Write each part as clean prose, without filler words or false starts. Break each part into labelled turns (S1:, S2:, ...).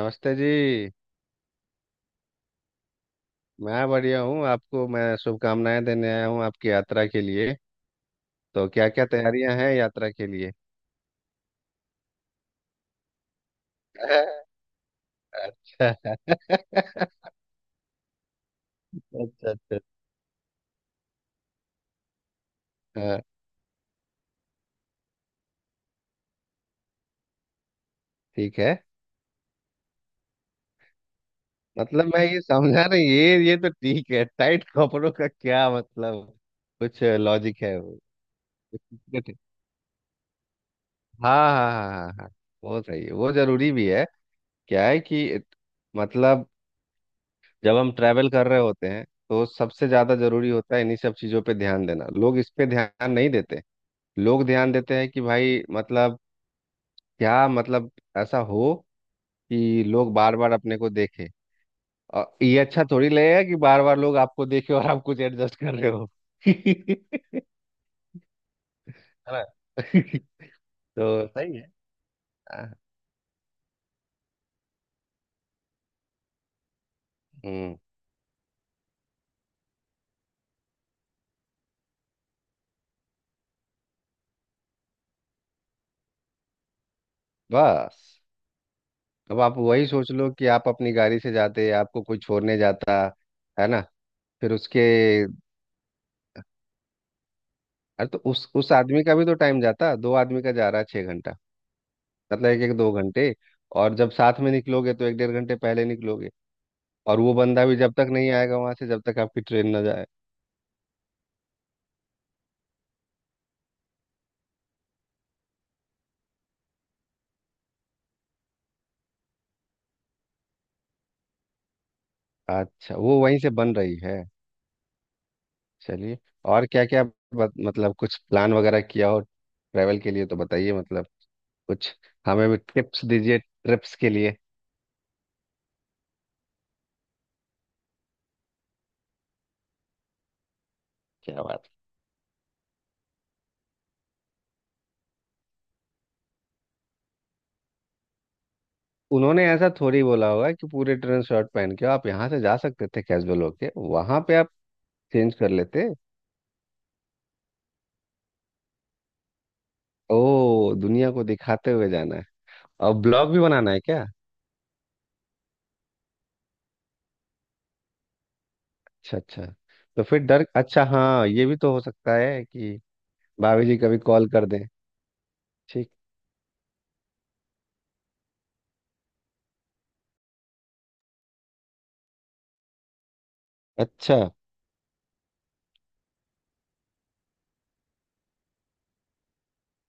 S1: नमस्ते जी। मैं बढ़िया हूँ। आपको मैं शुभकामनाएं देने आया हूँ आपकी यात्रा के लिए। तो क्या क्या तैयारियां हैं यात्रा के लिए? अच्छा। अच्छा अच्छा। हाँ, ठीक है। मतलब मैं ये समझा नहीं, ये तो ठीक है, टाइट कपड़ों का क्या मतलब? कुछ लॉजिक है वो? हाँ हाँ हाँ हाँ हाँ हाँ। वो सही है, वो जरूरी भी है। क्या है कि मतलब जब हम ट्रैवल कर रहे होते हैं तो सबसे ज्यादा जरूरी होता है इन्हीं सब चीजों पे ध्यान देना, लोग इस पे ध्यान नहीं देते हैं। लोग ध्यान देते हैं कि भाई मतलब, क्या मतलब ऐसा हो कि लोग बार बार अपने को देखे, और ये अच्छा थोड़ी लगेगा कि बार बार लोग आपको देखे और आप कुछ एडजस्ट कर रहे हो। है ना? तो सही है। हाँ, हम्म बस। अब आप वही सोच लो कि आप अपनी गाड़ी से जाते, आपको कोई छोड़ने जाता है ना, फिर उसके। अरे तो उस आदमी का भी तो टाइम जाता, दो आदमी का जा रहा है 6 घंटा। मतलब एक एक दो घंटे, और जब साथ में निकलोगे तो एक डेढ़ घंटे पहले निकलोगे, और वो बंदा भी जब तक नहीं आएगा वहां से, जब तक आपकी ट्रेन ना जाए। अच्छा, वो वहीं से बन रही है? चलिए। और क्या क्या? मतलब कुछ प्लान वगैरह किया हो ट्रैवल के लिए तो बताइए, मतलब कुछ हमें भी टिप्स दीजिए ट्रिप्स के लिए। क्या बात। उन्होंने ऐसा थोड़ी बोला होगा कि पूरे ट्रेन शर्ट पहन के आप यहाँ से जा सकते थे, कैजुअल होके वहां पे आप चेंज कर लेते। ओ, दुनिया को दिखाते हुए जाना है। और ब्लॉग भी बनाना है क्या? अच्छा अच्छा। तो फिर डर, अच्छा, हाँ ये भी तो हो सकता है कि भाभी जी कभी कॉल कर दें। ठीक। अच्छा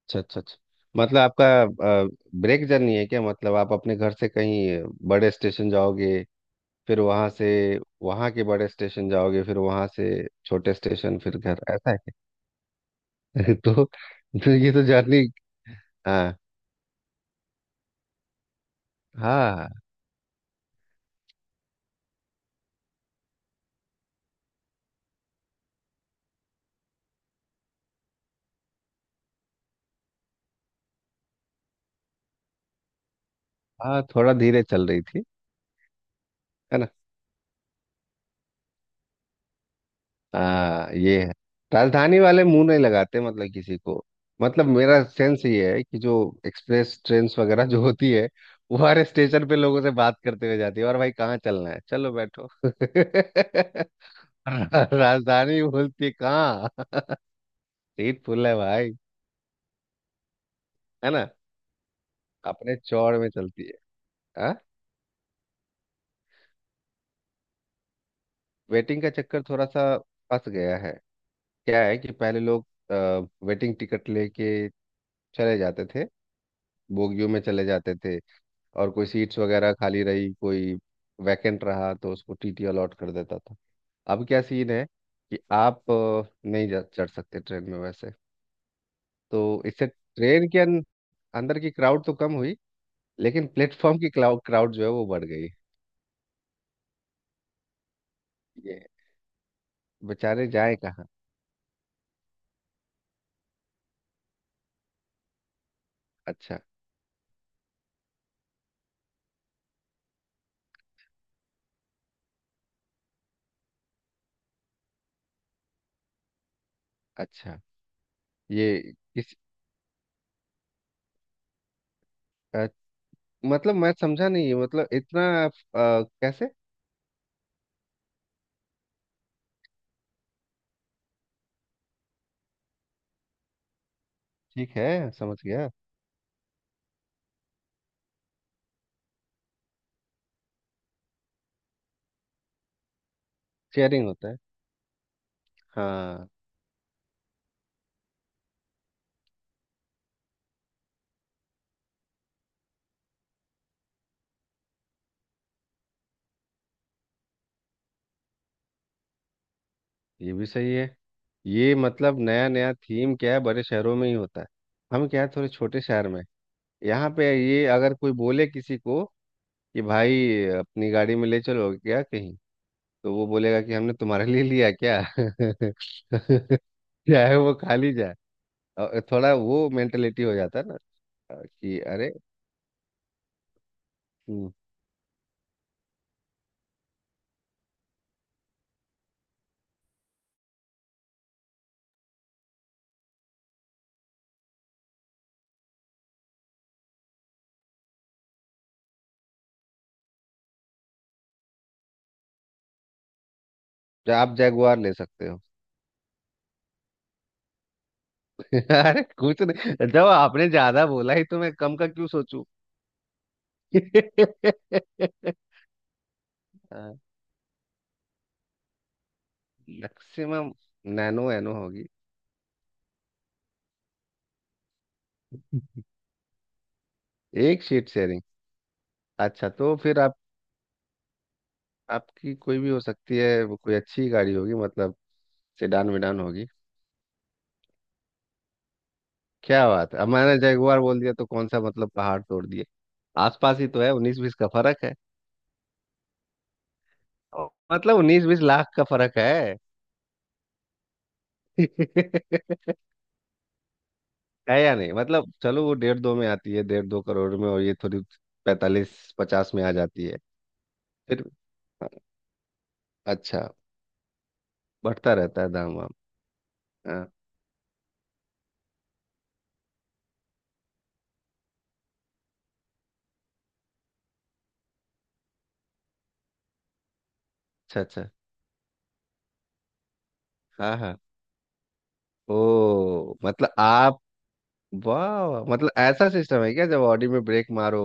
S1: अच्छा अच्छा अच्छा। मतलब आपका ब्रेक जर्नी है क्या? मतलब आप अपने घर से कहीं बड़े स्टेशन जाओगे, फिर वहां से वहां के बड़े स्टेशन जाओगे, फिर वहां से छोटे स्टेशन, फिर घर, ऐसा है क्या? तो ये तो जर्नी। हाँ हाँ हाँ, थोड़ा धीरे चल रही थी, है ना? हाँ, ये है। राजधानी वाले मुंह नहीं लगाते मतलब किसी को। मतलब मेरा सेंस ये है कि जो एक्सप्रेस ट्रेन वगैरह जो होती है, वो हर स्टेशन पे लोगों से बात करते हुए जाती है, और भाई कहाँ चलना है, चलो बैठो। राजधानी बोलती है, कहाँ, सीट फुल है भाई, है ना? अपने चौड़ में चलती है। हाँ। वेटिंग का चक्कर थोड़ा सा फंस गया है। क्या है कि पहले लोग वेटिंग टिकट लेके चले जाते थे, बोगियों में चले जाते थे, और कोई सीट्स वगैरह खाली रही, कोई वैकेंट रहा तो उसको टीटी अलॉट कर देता था। अब क्या सीन है कि आप नहीं जा चढ़ सकते ट्रेन में वैसे। तो इससे ट्रेन के अंदर की क्राउड तो कम हुई, लेकिन प्लेटफॉर्म की क्राउड क्राउड जो है वो बढ़ गई। ये बेचारे जाए कहाँ? अच्छा अच्छा। ये किस अ, मतलब मैं समझा नहीं, मतलब इतना कैसे? ठीक है, समझ गया। शेयरिंग होता है। हाँ। ये भी सही है। ये मतलब नया नया थीम क्या है, बड़े शहरों में ही होता है। हम क्या है, थोड़े छोटे शहर में हैं। यहाँ पे ये अगर कोई बोले किसी को कि भाई अपनी गाड़ी में ले चलो क्या कहीं, तो वो बोलेगा कि हमने तुम्हारे लिए लिया क्या? चाहे वो खाली जाए, और थोड़ा वो मेंटेलिटी हो जाता है ना कि अरे। हम्म। आप जैगुआर ले सकते हो। अरे कुछ नहीं, जब आपने ज्यादा बोला ही तो मैं कम का क्यों सोचूं। मैक्सिमम नैनो एनो होगी। एक शीट शेयरिंग। अच्छा तो फिर आप, आपकी कोई भी हो सकती है, वो कोई अच्छी गाड़ी होगी, मतलब सेडान वेडान होगी। क्या बात है, अब मैंने जगुआर बोल दिया तो कौन सा मतलब पहाड़ तोड़ दिए? आसपास ही तो है, उन्नीस बीस का फर्क है। मतलब उन्नीस बीस लाख का फर्क है। है या नहीं? मतलब चलो, वो डेढ़ दो में आती है, डेढ़ दो करोड़ में, और ये थोड़ी पैंतालीस पचास में आ जाती है। फिर। अच्छा, बढ़ता रहता है दाम वाम। हाँ। अच्छा अच्छा। हाँ हाँ, ओ। मतलब आप, वाह, मतलब ऐसा सिस्टम है क्या, जब ऑडी में ब्रेक मारो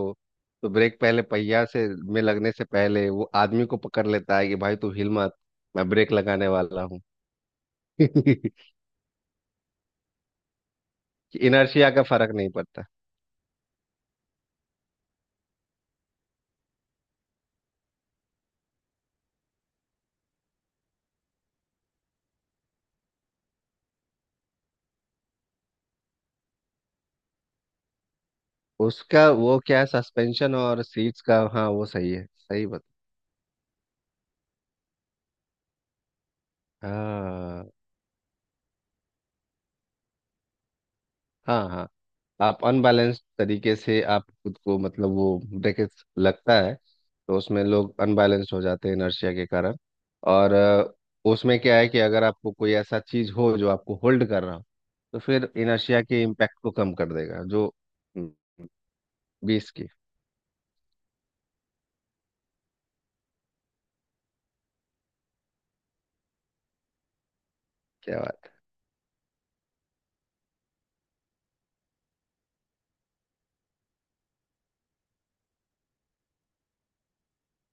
S1: तो ब्रेक पहले पहिया से में लगने से पहले वो आदमी को पकड़ लेता है कि भाई तू हिल मत, मैं ब्रेक लगाने वाला हूँ। इनर्शिया का फर्क नहीं पड़ता। उसका वो क्या है, सस्पेंशन और सीट्स का, हाँ वो सही है, सही बता। हाँ हाँ हाँ, आप अनबैलेंस तरीके से आप खुद को, मतलब वो ब्रेक लगता है तो उसमें लोग अनबैलेंस हो जाते हैं इनर्शिया के कारण। और उसमें क्या है कि अगर आपको कोई ऐसा चीज हो जो आपको होल्ड कर रहा हो तो फिर इनर्शिया के इम्पैक्ट को कम कर देगा जो। बीस की। क्या बात है।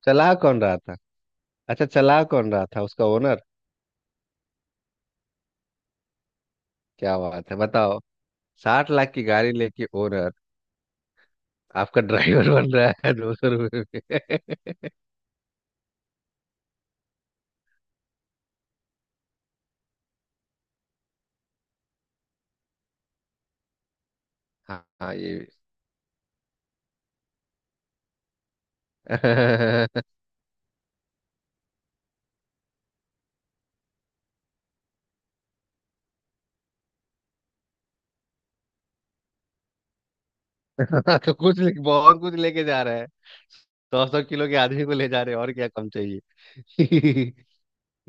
S1: चला कौन रहा था? अच्छा, चला कौन रहा था, उसका ओनर? क्या बात है, बताओ। 60 लाख की गाड़ी लेके ओनर आपका ड्राइवर बन रहा है 200 रुपये में। हाँ हाँ, ये भी। बहुत कुछ लेके जा रहा है, सौ सौ किलो के आदमी को ले जा रहे हैं, और क्या कम चाहिए।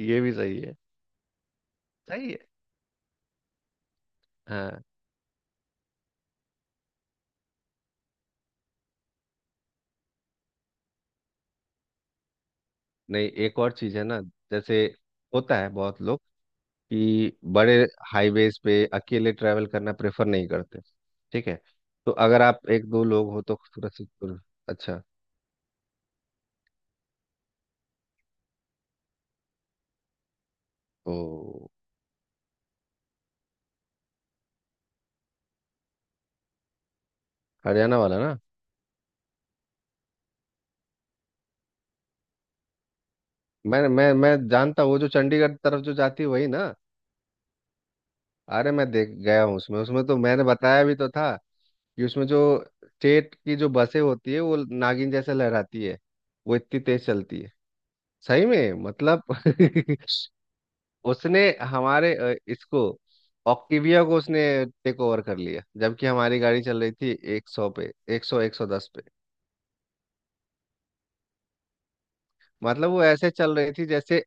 S1: ये भी सही है। सही है। हाँ। नहीं एक और चीज है ना, जैसे होता है बहुत लोग कि बड़े हाईवेज पे अकेले ट्रैवल करना प्रेफर नहीं करते, ठीक है? तो अगर आप एक दो लोग हो तो सूरत। अच्छा। ओ, हरियाणा वाला ना? मैं जानता हूँ, वो जो चंडीगढ़ तरफ जो जाती है वही ना? अरे मैं देख गया हूँ उसमें, तो मैंने बताया भी तो था कि उसमें जो स्टेट की जो बसें होती है वो नागिन जैसे लहराती है, वो इतनी तेज चलती है, सही में, मतलब। उसने हमारे इसको, ऑक्टिविया को उसने टेक ओवर कर लिया, जबकि हमारी गाड़ी चल रही थी एक सौ पे, एक सौ, एक सौ दस पे। मतलब वो ऐसे चल रही थी जैसे।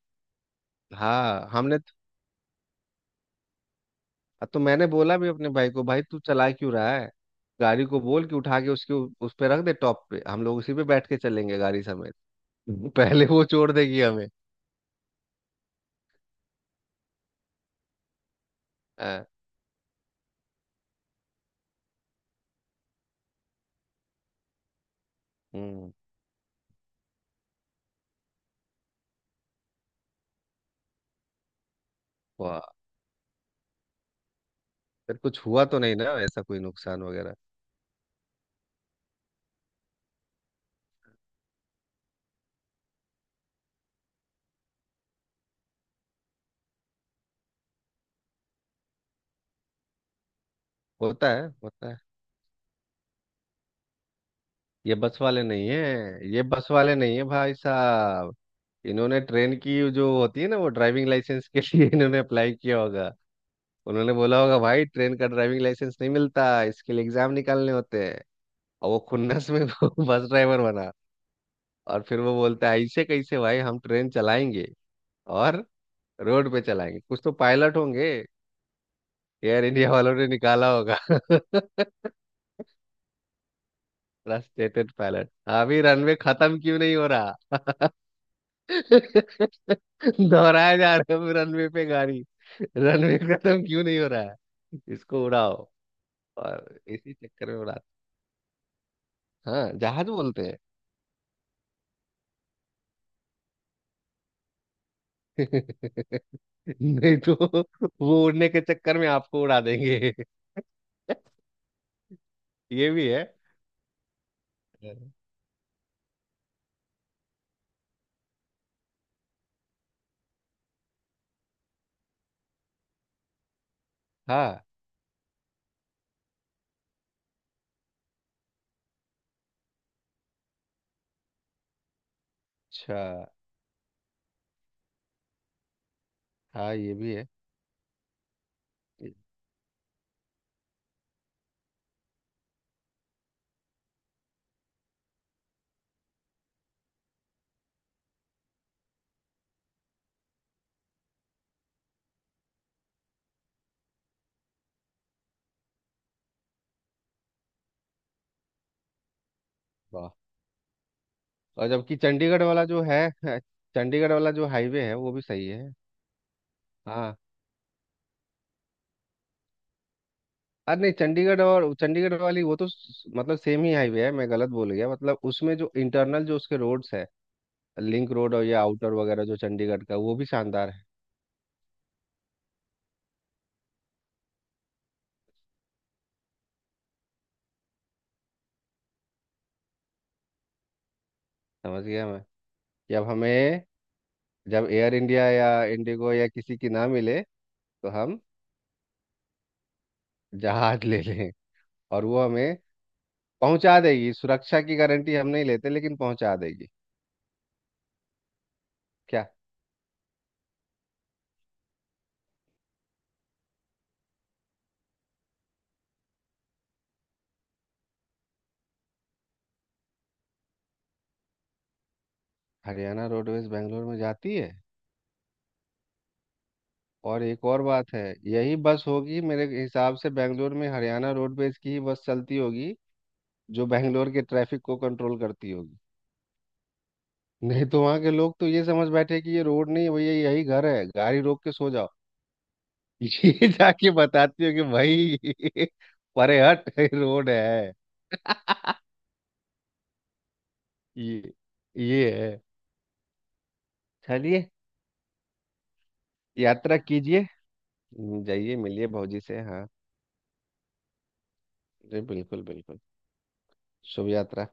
S1: हाँ, हमने, तो मैंने बोला भी अपने भाई को, भाई तू चला क्यों रहा है गाड़ी को, बोल कि उठा के उसके उस पे रख दे टॉप पे, हम लोग उसी पे बैठ के चलेंगे गाड़ी समेत। पहले वो छोड़ देगी हमें। हम्म। वाह, फिर कुछ हुआ तो नहीं ना, ऐसा कोई नुकसान वगैरह? होता है, होता है। ये बस वाले नहीं है, ये बस वाले नहीं है भाई साहब। इन्होंने ट्रेन की जो होती है ना वो ड्राइविंग लाइसेंस के लिए इन्होंने अप्लाई किया होगा। उन्होंने बोला होगा भाई ट्रेन का ड्राइविंग लाइसेंस नहीं मिलता, इसके लिए एग्जाम निकालने होते हैं। और वो खुन्नस में वो बस ड्राइवर बना। और फिर वो बोलता है ऐसे कैसे भाई, हम ट्रेन चलाएंगे, और रोड पे चलाएंगे, कुछ तो पायलट होंगे, एयर इंडिया वालों ने निकाला होगा। फ्रस्ट्रेटेड पायलट, अभी रनवे खत्म क्यों नहीं हो रहा? दोहराया जा रहा है रनवे पे गाड़ी, रनवे खत्म क्यों नहीं हो रहा है, इसको उड़ाओ। और इसी चक्कर में उड़ाते। हाँ, जहाज बोलते हैं। नहीं तो वो उड़ने के चक्कर में आपको उड़ा देंगे। ये भी है। हाँ अच्छा, हाँ ये भी है। वाह, और जबकि चंडीगढ़ वाला जो है। चंडीगढ़ वाला जो हाईवे है वो भी सही है। हाँ। अरे नहीं, चंडीगढ़ और चंडीगढ़ वाली वो तो मतलब सेम ही हाईवे है, मैं गलत बोल गया, मतलब उसमें जो इंटरनल, जो उसके रोड्स है, लिंक रोड और या आउटर वगैरह जो चंडीगढ़ का, वो भी शानदार है। समझ गया मैं। जब हमें, जब एयर इंडिया या इंडिगो या किसी की ना मिले तो हम जहाज ले लें, और वो हमें पहुंचा देगी, सुरक्षा की गारंटी हम नहीं लेते लेकिन पहुंचा देगी। क्या? हरियाणा रोडवेज बेंगलोर में जाती है? और एक और बात है, यही बस होगी मेरे हिसाब से, बेंगलोर में हरियाणा रोडवेज की ही बस चलती होगी जो बैंगलोर के ट्रैफिक को कंट्रोल करती होगी। नहीं तो वहां के लोग तो ये समझ बैठे कि ये रोड नहीं है भैया, यही घर है, गाड़ी रोक के सो जाओ। ये जाके बताती हो कि भाई परे हट, रोड है। ये ये है। चलिए, यात्रा कीजिए। जाइए, मिलिए भाजी से। हाँ जी, बिल्कुल बिल्कुल। शुभ यात्रा।